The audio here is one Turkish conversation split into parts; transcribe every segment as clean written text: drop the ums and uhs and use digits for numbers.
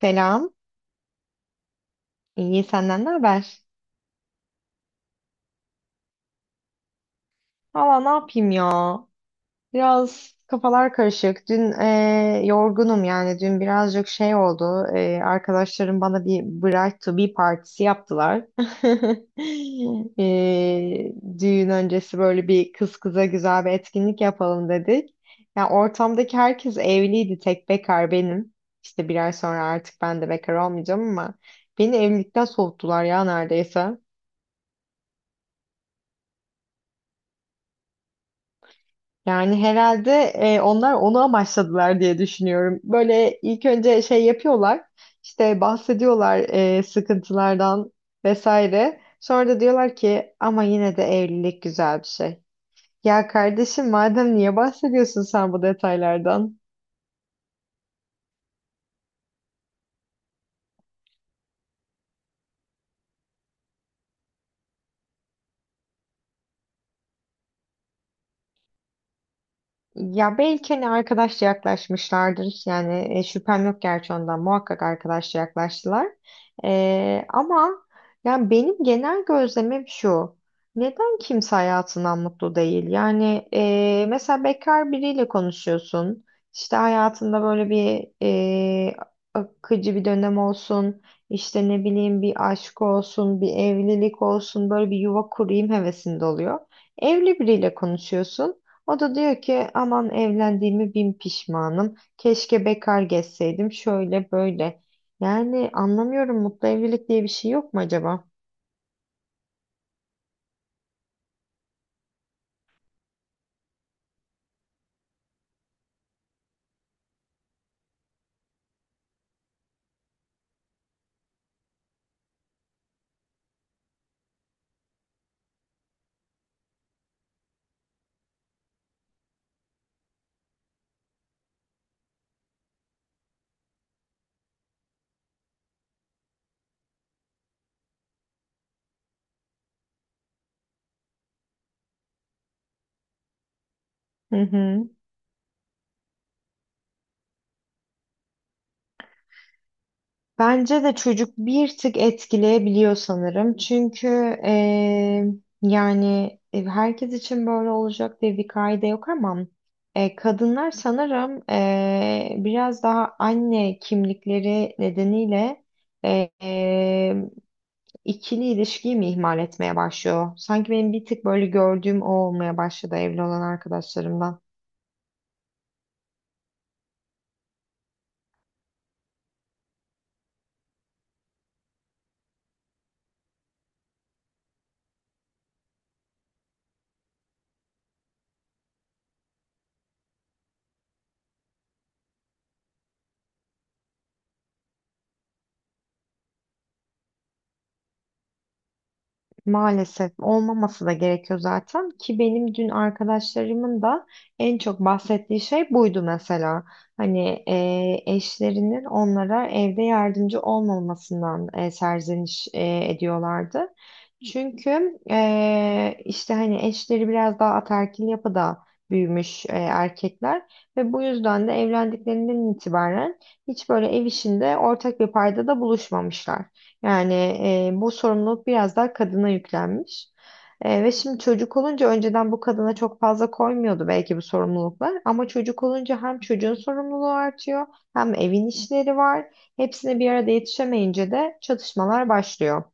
Selam. İyi senden ne haber? Valla ne yapayım ya? Biraz kafalar karışık. Dün yorgunum yani. Dün birazcık şey oldu. Arkadaşlarım bana bir Bright to be partisi yaptılar. Eee, düğün öncesi böyle bir kız kıza güzel bir etkinlik yapalım dedik. Ya ortamdaki herkes evliydi. Tek bekar benim. İşte bir ay sonra artık ben de bekar olmayacağım ama beni evlilikten soğuttular ya neredeyse. Yani herhalde onlar onu amaçladılar diye düşünüyorum. Böyle ilk önce şey yapıyorlar, işte bahsediyorlar sıkıntılardan vesaire. Sonra da diyorlar ki ama yine de evlilik güzel bir şey. Ya kardeşim madem niye bahsediyorsun sen bu detaylardan? Ya belki hani arkadaşça yaklaşmışlardır. Yani şüphem yok gerçi ondan. Muhakkak arkadaşça yaklaştılar. Ama yani benim genel gözlemim şu. Neden kimse hayatından mutlu değil? Yani mesela bekar biriyle konuşuyorsun. İşte hayatında böyle bir e, akıcı bir dönem olsun. İşte ne bileyim bir aşk olsun, bir evlilik olsun. Böyle bir yuva kurayım hevesinde oluyor. Evli biriyle konuşuyorsun. O da diyor ki aman evlendiğimi bin pişmanım. Keşke bekar gezseydim şöyle böyle. Yani anlamıyorum mutlu evlilik diye bir şey yok mu acaba? Hı hı. Bence de çocuk bir tık etkileyebiliyor sanırım. Çünkü eee, yani herkes için böyle olacak diye bir kaide yok ama kadınlar sanırım biraz daha anne kimlikleri nedeniyle eee ikili ilişkiyi mi ihmal etmeye başlıyor? Sanki benim bir tık böyle gördüğüm o olmaya başladı evli olan arkadaşlarımdan. Maalesef olmaması da gerekiyor zaten ki benim dün arkadaşlarımın da en çok bahsettiği şey buydu mesela. Hani eşlerinin onlara evde yardımcı olmamasından serzeniş ediyorlardı. Çünkü işte hani eşleri biraz daha ataerkil yapıda büyümüş erkekler ve bu yüzden de evlendiklerinden itibaren hiç böyle ev işinde ortak bir paydada buluşmamışlar. Yani bu sorumluluk biraz daha kadına yüklenmiş. Ve şimdi çocuk olunca önceden bu kadına çok fazla koymuyordu belki bu sorumluluklar. Ama çocuk olunca hem çocuğun sorumluluğu artıyor hem evin işleri var. Hepsine bir arada yetişemeyince de çatışmalar başlıyor.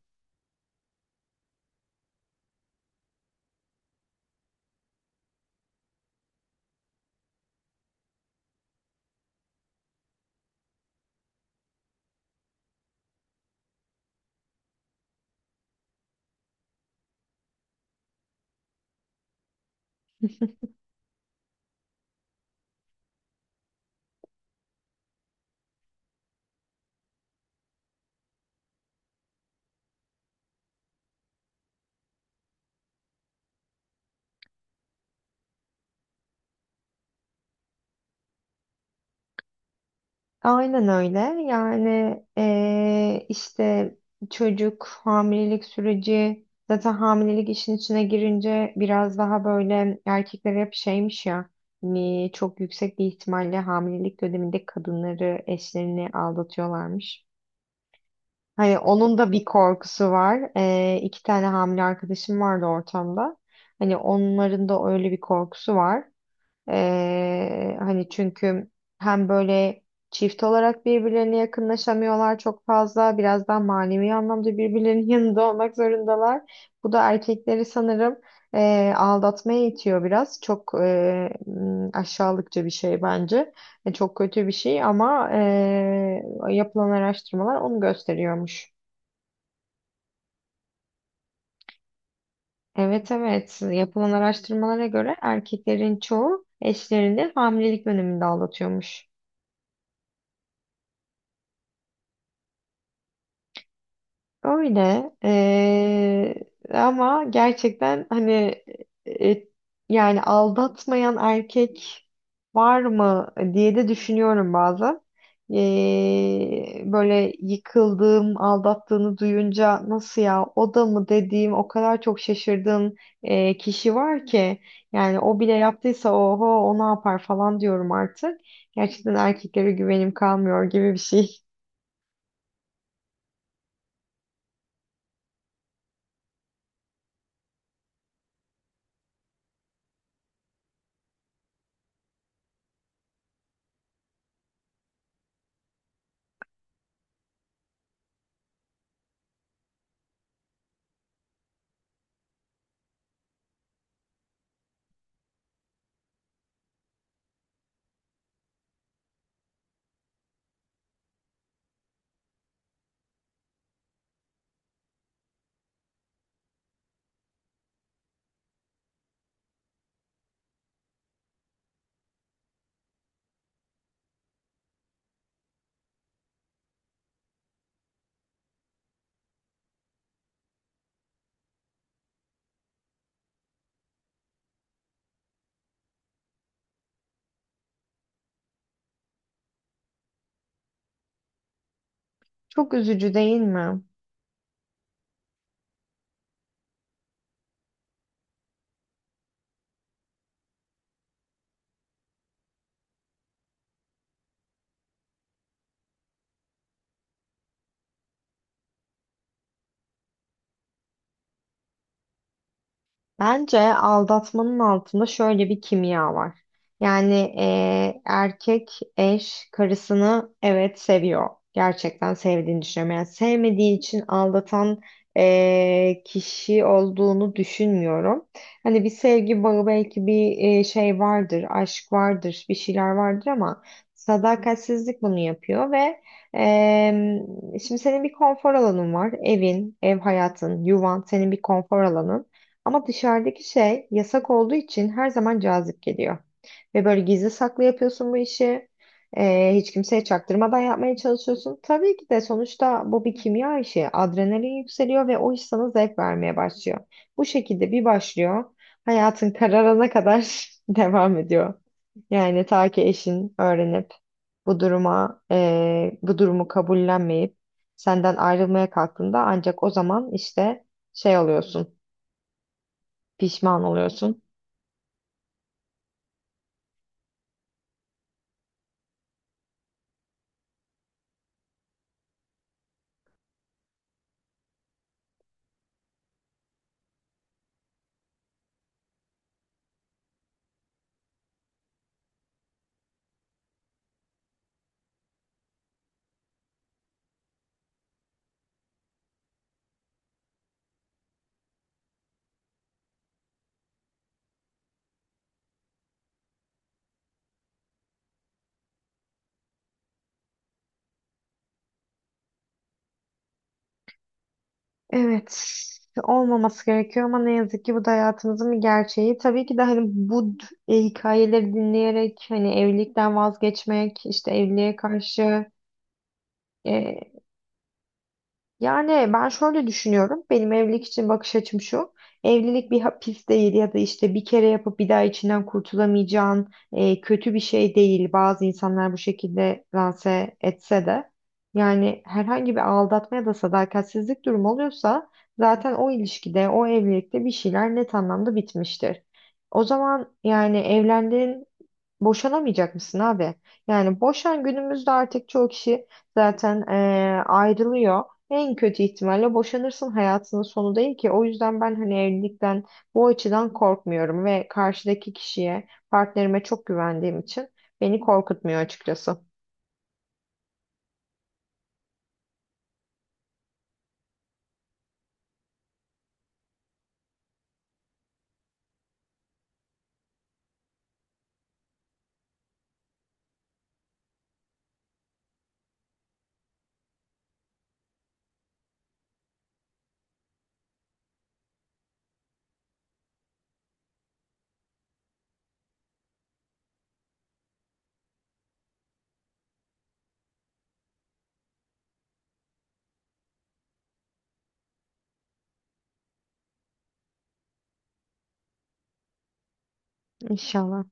Aynen öyle. Yani işte çocuk hamilelik süreci zaten hamilelik işin içine girince biraz daha böyle erkekler hep şeymiş ya hani çok yüksek bir ihtimalle hamilelik döneminde kadınları eşlerini aldatıyorlarmış. Hani onun da bir korkusu var. İki tane hamile arkadaşım vardı ortamda. Hani onların da öyle bir korkusu var. Hani çünkü hem böyle çift olarak birbirlerine yakınlaşamıyorlar çok fazla. Biraz daha manevi anlamda birbirlerinin yanında olmak zorundalar. Bu da erkekleri sanırım aldatmaya itiyor biraz. Çok aşağılıkça bir şey bence. Çok kötü bir şey ama yapılan araştırmalar onu gösteriyormuş. Evet evet yapılan araştırmalara göre erkeklerin çoğu eşlerini hamilelik döneminde aldatıyormuş. Öyle ama gerçekten hani e, yani aldatmayan erkek var mı diye de düşünüyorum bazen. Böyle yıkıldığım, aldattığını duyunca nasıl ya o da mı dediğim o kadar çok şaşırdığım kişi var ki yani o bile yaptıysa oho o ne yapar falan diyorum artık. Gerçekten erkeklere güvenim kalmıyor gibi bir şey. Çok üzücü değil mi? Bence aldatmanın altında şöyle bir kimya var. Yani erkek eş karısını evet seviyor. Gerçekten sevdiğini düşünüyorum. Yani sevmediği için aldatan kişi olduğunu düşünmüyorum. Hani bir sevgi bağı belki bir şey vardır, aşk vardır, bir şeyler vardır ama sadakatsizlik bunu yapıyor ve eee, şimdi senin bir konfor alanın var. Evin, ev hayatın, yuvan senin bir konfor alanın. Ama dışarıdaki şey yasak olduğu için her zaman cazip geliyor. Ve böyle gizli saklı yapıyorsun bu işi. Hiç kimseye çaktırmadan yapmaya çalışıyorsun. Tabii ki de sonuçta bu bir kimya işi. Adrenalin yükseliyor ve o iş sana zevk vermeye başlıyor. Bu şekilde bir başlıyor. Hayatın kararına kadar devam ediyor. Yani ta ki eşin öğrenip bu duruma, bu durumu kabullenmeyip senden ayrılmaya kalktığında ancak o zaman işte şey oluyorsun. Pişman oluyorsun. Evet, olmaması gerekiyor ama ne yazık ki bu da hayatımızın bir gerçeği. Tabii ki de hani hikayeleri dinleyerek hani evlilikten vazgeçmek, işte evliliğe karşı e, yani ben şöyle düşünüyorum. Benim evlilik için bakış açım şu. Evlilik bir hapis değil ya da işte bir kere yapıp bir daha içinden kurtulamayacağın kötü bir şey değil. Bazı insanlar bu şekilde lanse etse de. Yani herhangi bir aldatma ya da sadakatsizlik durumu oluyorsa zaten o ilişkide, o evlilikte bir şeyler net anlamda bitmiştir. O zaman yani evlendin. Boşanamayacak mısın abi? Yani boşan günümüzde artık çoğu kişi zaten ayrılıyor. En kötü ihtimalle boşanırsın hayatının sonu değil ki. O yüzden ben hani evlilikten bu açıdan korkmuyorum ve karşıdaki kişiye, partnerime çok güvendiğim için beni korkutmuyor açıkçası. İnşallah.